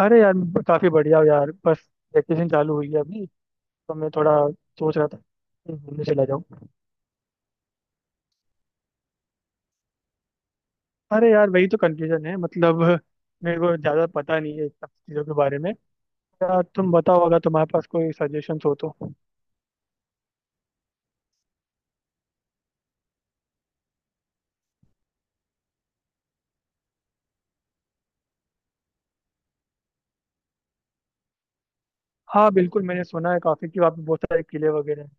अरे यार काफी बढ़िया हो यार। बस वैकेशन चालू हुई है अभी तो मैं थोड़ा सोच रहा था कहीं घूमने चला जाऊँ। अरे यार वही तो कंफ्यूजन है मतलब मेरे को ज्यादा पता नहीं है इन सब चीजों के बारे में। यार तुम बताओ अगर तुम्हारे पास कोई सजेशन हो तो। हाँ बिल्कुल, मैंने सुना है काफी कि वहाँ पे बहुत सारे किले वगैरह हैं।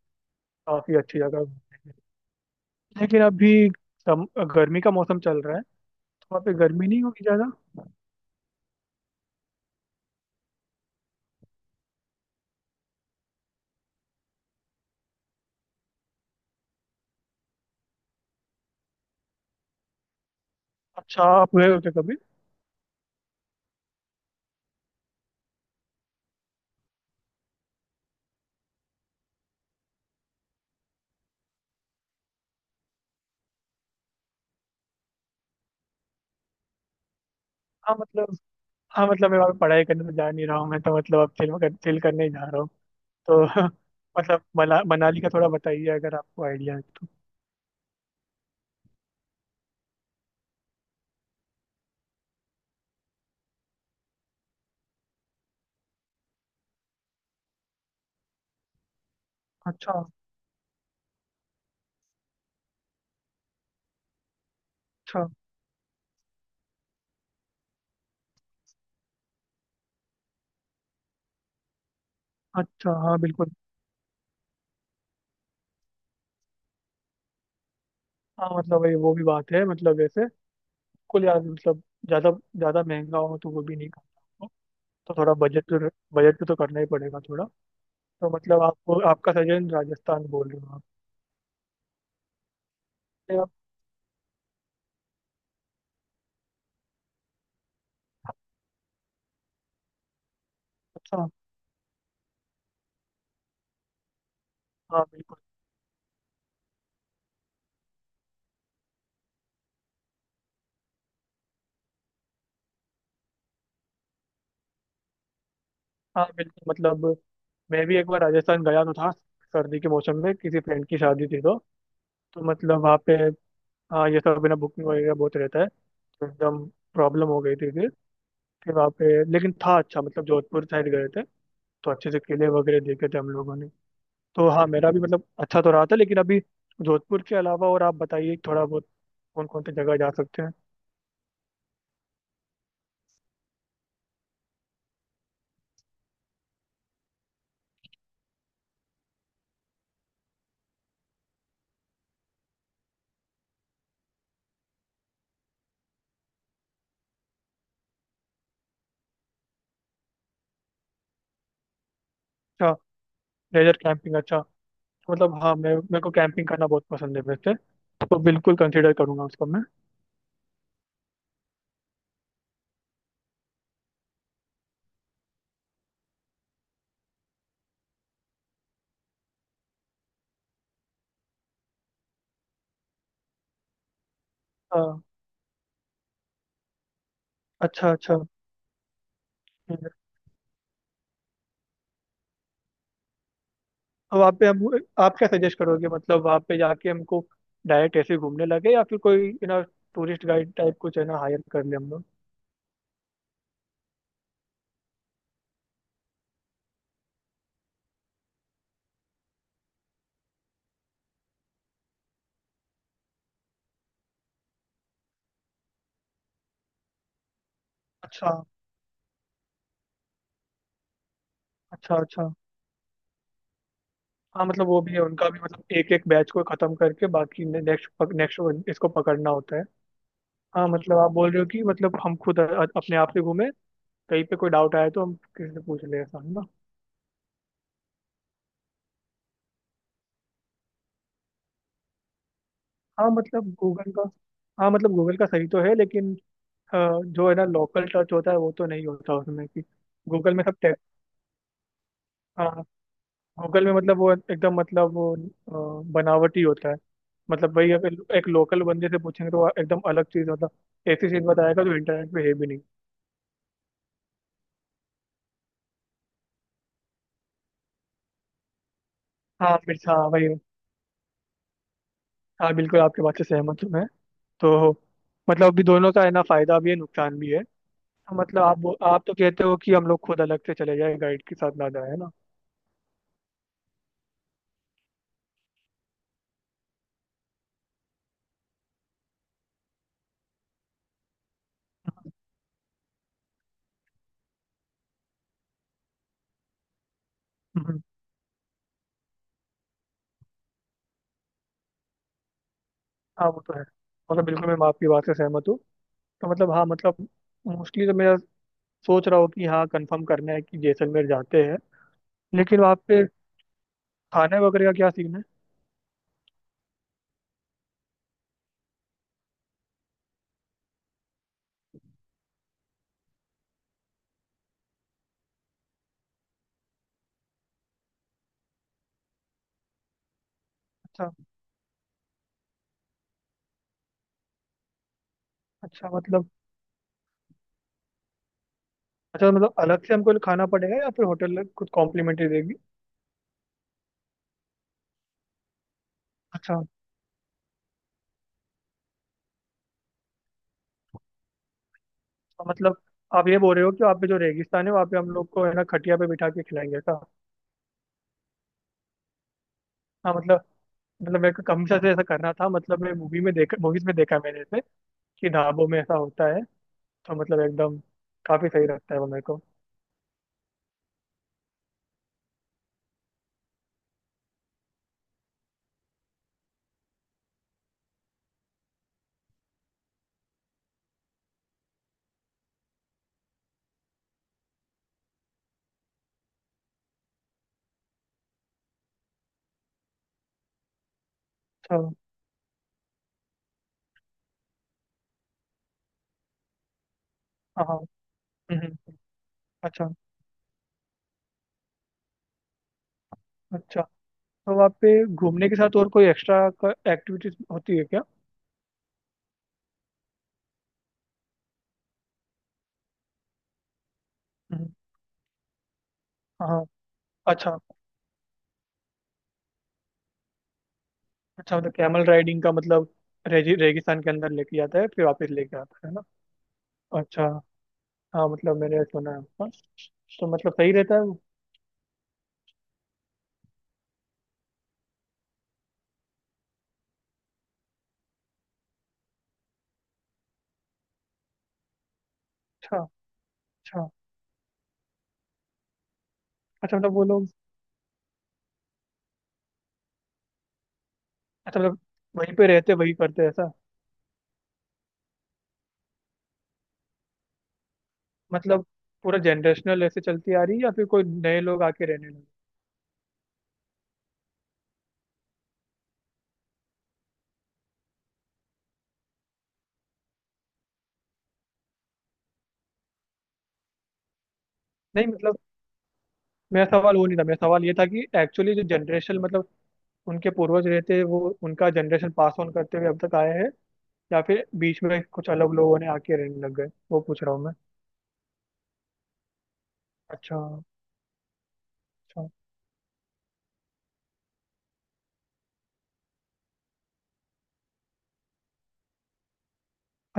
काफी अच्छी जगह है। लेकिन अभी सम- गर्मी का मौसम चल रहा है तो वहाँ पे गर्मी नहीं होगी ज्यादा। अच्छा, आप गए हो क्या कभी। हाँ मतलब हाँ मतलब मैं वहाँ पे पढ़ाई करने तो जा नहीं रहा हूँ। मैं तो मतलब अब चिल चिल करने ही जा रहा हूँ तो मतलब मनाली का थोड़ा बताइए अगर आपको आइडिया है तो। अच्छा। अच्छा। अच्छा हाँ बिल्कुल। हाँ मतलब वही वो भी बात है मतलब वैसे कुल यार मतलब ज़्यादा ज़्यादा महंगा हो तो वो भी नहीं करना आपको। तो थोड़ा बजट पे तो करना ही पड़ेगा थोड़ा। तो मतलब आपको आपका सजेशन राजस्थान बोल रहे हो आप। फिर आप- अच्छा। हाँ बिल्कुल। हाँ बिल्कुल मतलब मैं भी एक बार राजस्थान गया तो था। सर्दी के मौसम में किसी फ्रेंड की शादी थी तो। तो मतलब वहाँ पे हाँ, ये सब बिना बुकिंग वगैरह बहुत रहता है तो एकदम प्रॉब्लम हो गई थी। फिर वहाँ पे लेकिन था अच्छा। मतलब जोधपुर साइड गए थे तो अच्छे से किले वगैरह देखे थे हम लोगों ने। तो हाँ, मेरा भी मतलब अच्छा तो रहा था लेकिन अभी जोधपुर के अलावा और आप बताइए थोड़ा बहुत कौन कौन सी जगह जा सकते हैं। अच्छा। लेजर कैंपिंग, अच्छा। मतलब हाँ, मैं मेरे को कैंपिंग करना बहुत पसंद है वैसे। तो बिल्कुल कंसिडर करूंगा उसको मैं। हाँ अच्छा अच्छा। अब आप पे हम आप क्या सजेस्ट करोगे मतलब वहाँ पे जाके हमको डायरेक्ट ऐसे घूमने लगे या फिर कोई you know tourist guide type कुछ है ना, हायर कर ले हम लोग। अच्छा। अच्छा। अच्छा हाँ मतलब वो भी है, उनका भी मतलब एक एक बैच को खत्म करके बाकी नेक्स्ट नेक्स्ट इसको पकड़ना होता है। हाँ मतलब आप बोल रहे हो कि मतलब हम खुद अपने आप से घूमें, कहीं पे कोई डाउट आए तो हम किसी से पूछ लें, ऐसा है ना। हाँ मतलब गूगल का हाँ मतलब गूगल का सही तो है लेकिन अ, जो है ना लोकल टच होता है वो तो नहीं होता उसमें कि गूगल में सब टेक लोकल में मतलब वो एकदम मतलब वो बनावटी होता है। मतलब वही अगर एक लोकल बंदे से पूछेंगे तो वो एकदम अलग चीज़ मतलब ऐसी चीज़ बताएगा जो इंटरनेट पे है भी नहीं। हाँ मिर्च, हाँ वही। हाँ बिल्कुल, आपके बात से सहमत हूँ मैं। तो मतलब अभी दोनों का है ना, फायदा भी है नुकसान भी है। तो मतलब आप तो कहते हो कि हम लोग खुद अलग से चले जाए, गाइड के साथ ना जाए, है ना। हम्म, हाँ वो तो है। मतलब बिल्कुल मैं आपकी बात से सहमत हूँ। तो मतलब हाँ मतलब मोस्टली तो मेरा सोच रहा हूँ कि हाँ, कंफर्म करना है कि जैसलमेर जाते हैं। लेकिन वहाँ पे खाने वगैरह का क्या सीन है। अच्छा। अच्छा मतलब अच्छा मतलब अलग से हमको खाना पड़ेगा या फिर होटल कुछ कॉम्प्लीमेंट्री देगी। अच्छा। तो मतलब आप ये बोल रहे हो कि वहाँ पे जो रेगिस्तान है वहाँ पे हम लोग को है ना खटिया पे बिठा के खिलाएंगे ऐसा। हाँ मतलब मेरे को कमशा से ऐसा करना था। मतलब मैं मूवी में देखा, मूवीज में देखा मैंने ऐसे कि ढाबों में ऐसा होता है। तो मतलब एकदम काफी सही लगता है वो मेरे को। अच्छा। हाँ हाँ। हम्म, हम्म, अच्छा अच्छा। तो वहाँ पे घूमने के साथ और कोई एक्स्ट्रा एक्टिविटीज होती है क्या। हम्म, हाँ हाँ, अच्छा। अच्छा मतलब कैमल राइडिंग का मतलब रेगिस्तान के अंदर लेके जाता है फिर वापस लेके आता है ना। अच्छा। हाँ मतलब मैंने सुना है उसका। तो मतलब सही रहता है वो। अच्छा। अच्छा। अच्छा मतलब वो लोग, अच्छा मतलब वहीं पे रहते वही करते हैं ऐसा। मतलब पूरा जनरेशनल ऐसे चलती आ रही है या फिर कोई नए लोग आके रहने लगे। नहीं मतलब मेरा सवाल वो नहीं था, मेरा सवाल ये था कि एक्चुअली जो जनरेशन मतलब उनके पूर्वज रहते हैं, वो उनका जनरेशन पास ऑन करते हुए अब तक आए हैं या फिर बीच में कुछ अलग लोगों ने आके रहने लग गए, वो पूछ रहा हूँ मैं। अच्छा। अच्छा।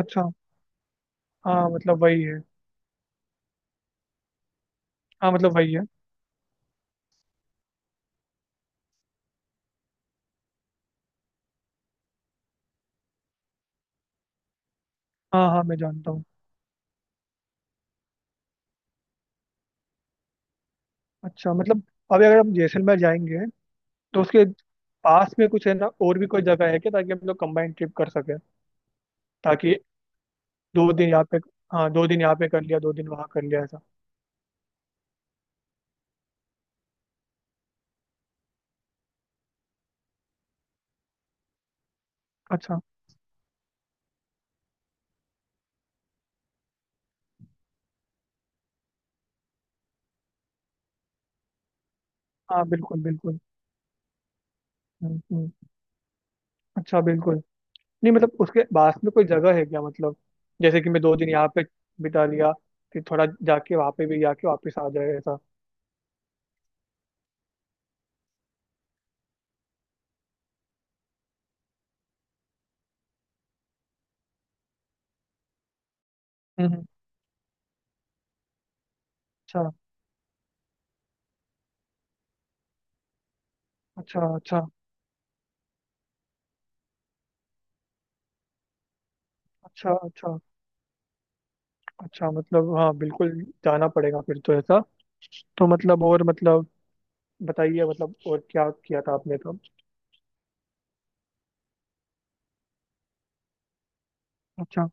अच्छा हाँ मतलब वही है हाँ मतलब वही है हाँ हाँ, मैं जानता हूँ। अच्छा मतलब अभी अगर हम जैसलमेर जाएंगे तो उसके पास में कुछ है ना और भी कोई जगह है क्या, ताकि हम लोग कंबाइंड ट्रिप कर सके। ताकि दो दिन यहाँ पे, हाँ दो दिन यहाँ पे कर लिया दो दिन वहाँ कर लिया ऐसा। अच्छा हाँ बिल्कुल बिल्कुल। हम्म, हम्म, अच्छा बिल्कुल। नहीं मतलब उसके पास में कोई जगह है क्या मतलब, जैसे कि मैं दो दिन यहाँ पे बिता लिया फिर थोड़ा जाके वहाँ पे भी जाके वापस आ जाए ऐसा। हम्म हम्म, अच्छा। अच्छा। अच्छा। अच्छा। अच्छा अच्छा मतलब हाँ बिल्कुल। जाना पड़ेगा फिर तो ऐसा। तो मतलब और मतलब बताइए मतलब और क्या किया था आपने तो। अच्छा।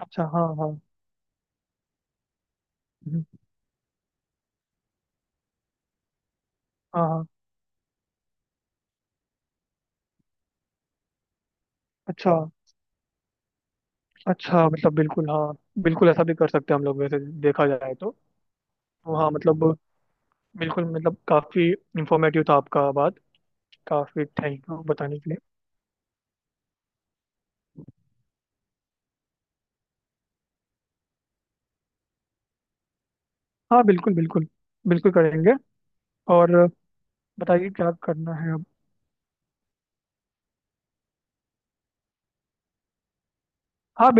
अच्छा हाँ हाँ। हम्म, हाँ हाँ। अच्छा। अच्छा मतलब बिल्कुल। हाँ बिल्कुल ऐसा भी कर सकते हैं हम लोग वैसे देखा जाए तो। तो हाँ मतलब बिल्कुल मतलब काफ़ी इंफॉर्मेटिव था आपका बात। काफ़ी थैंक यू बताने के लिए। हाँ बिल्कुल बिल्कुल। बिल्कुल करेंगे। और बताइए क्या करना है अब। हाँ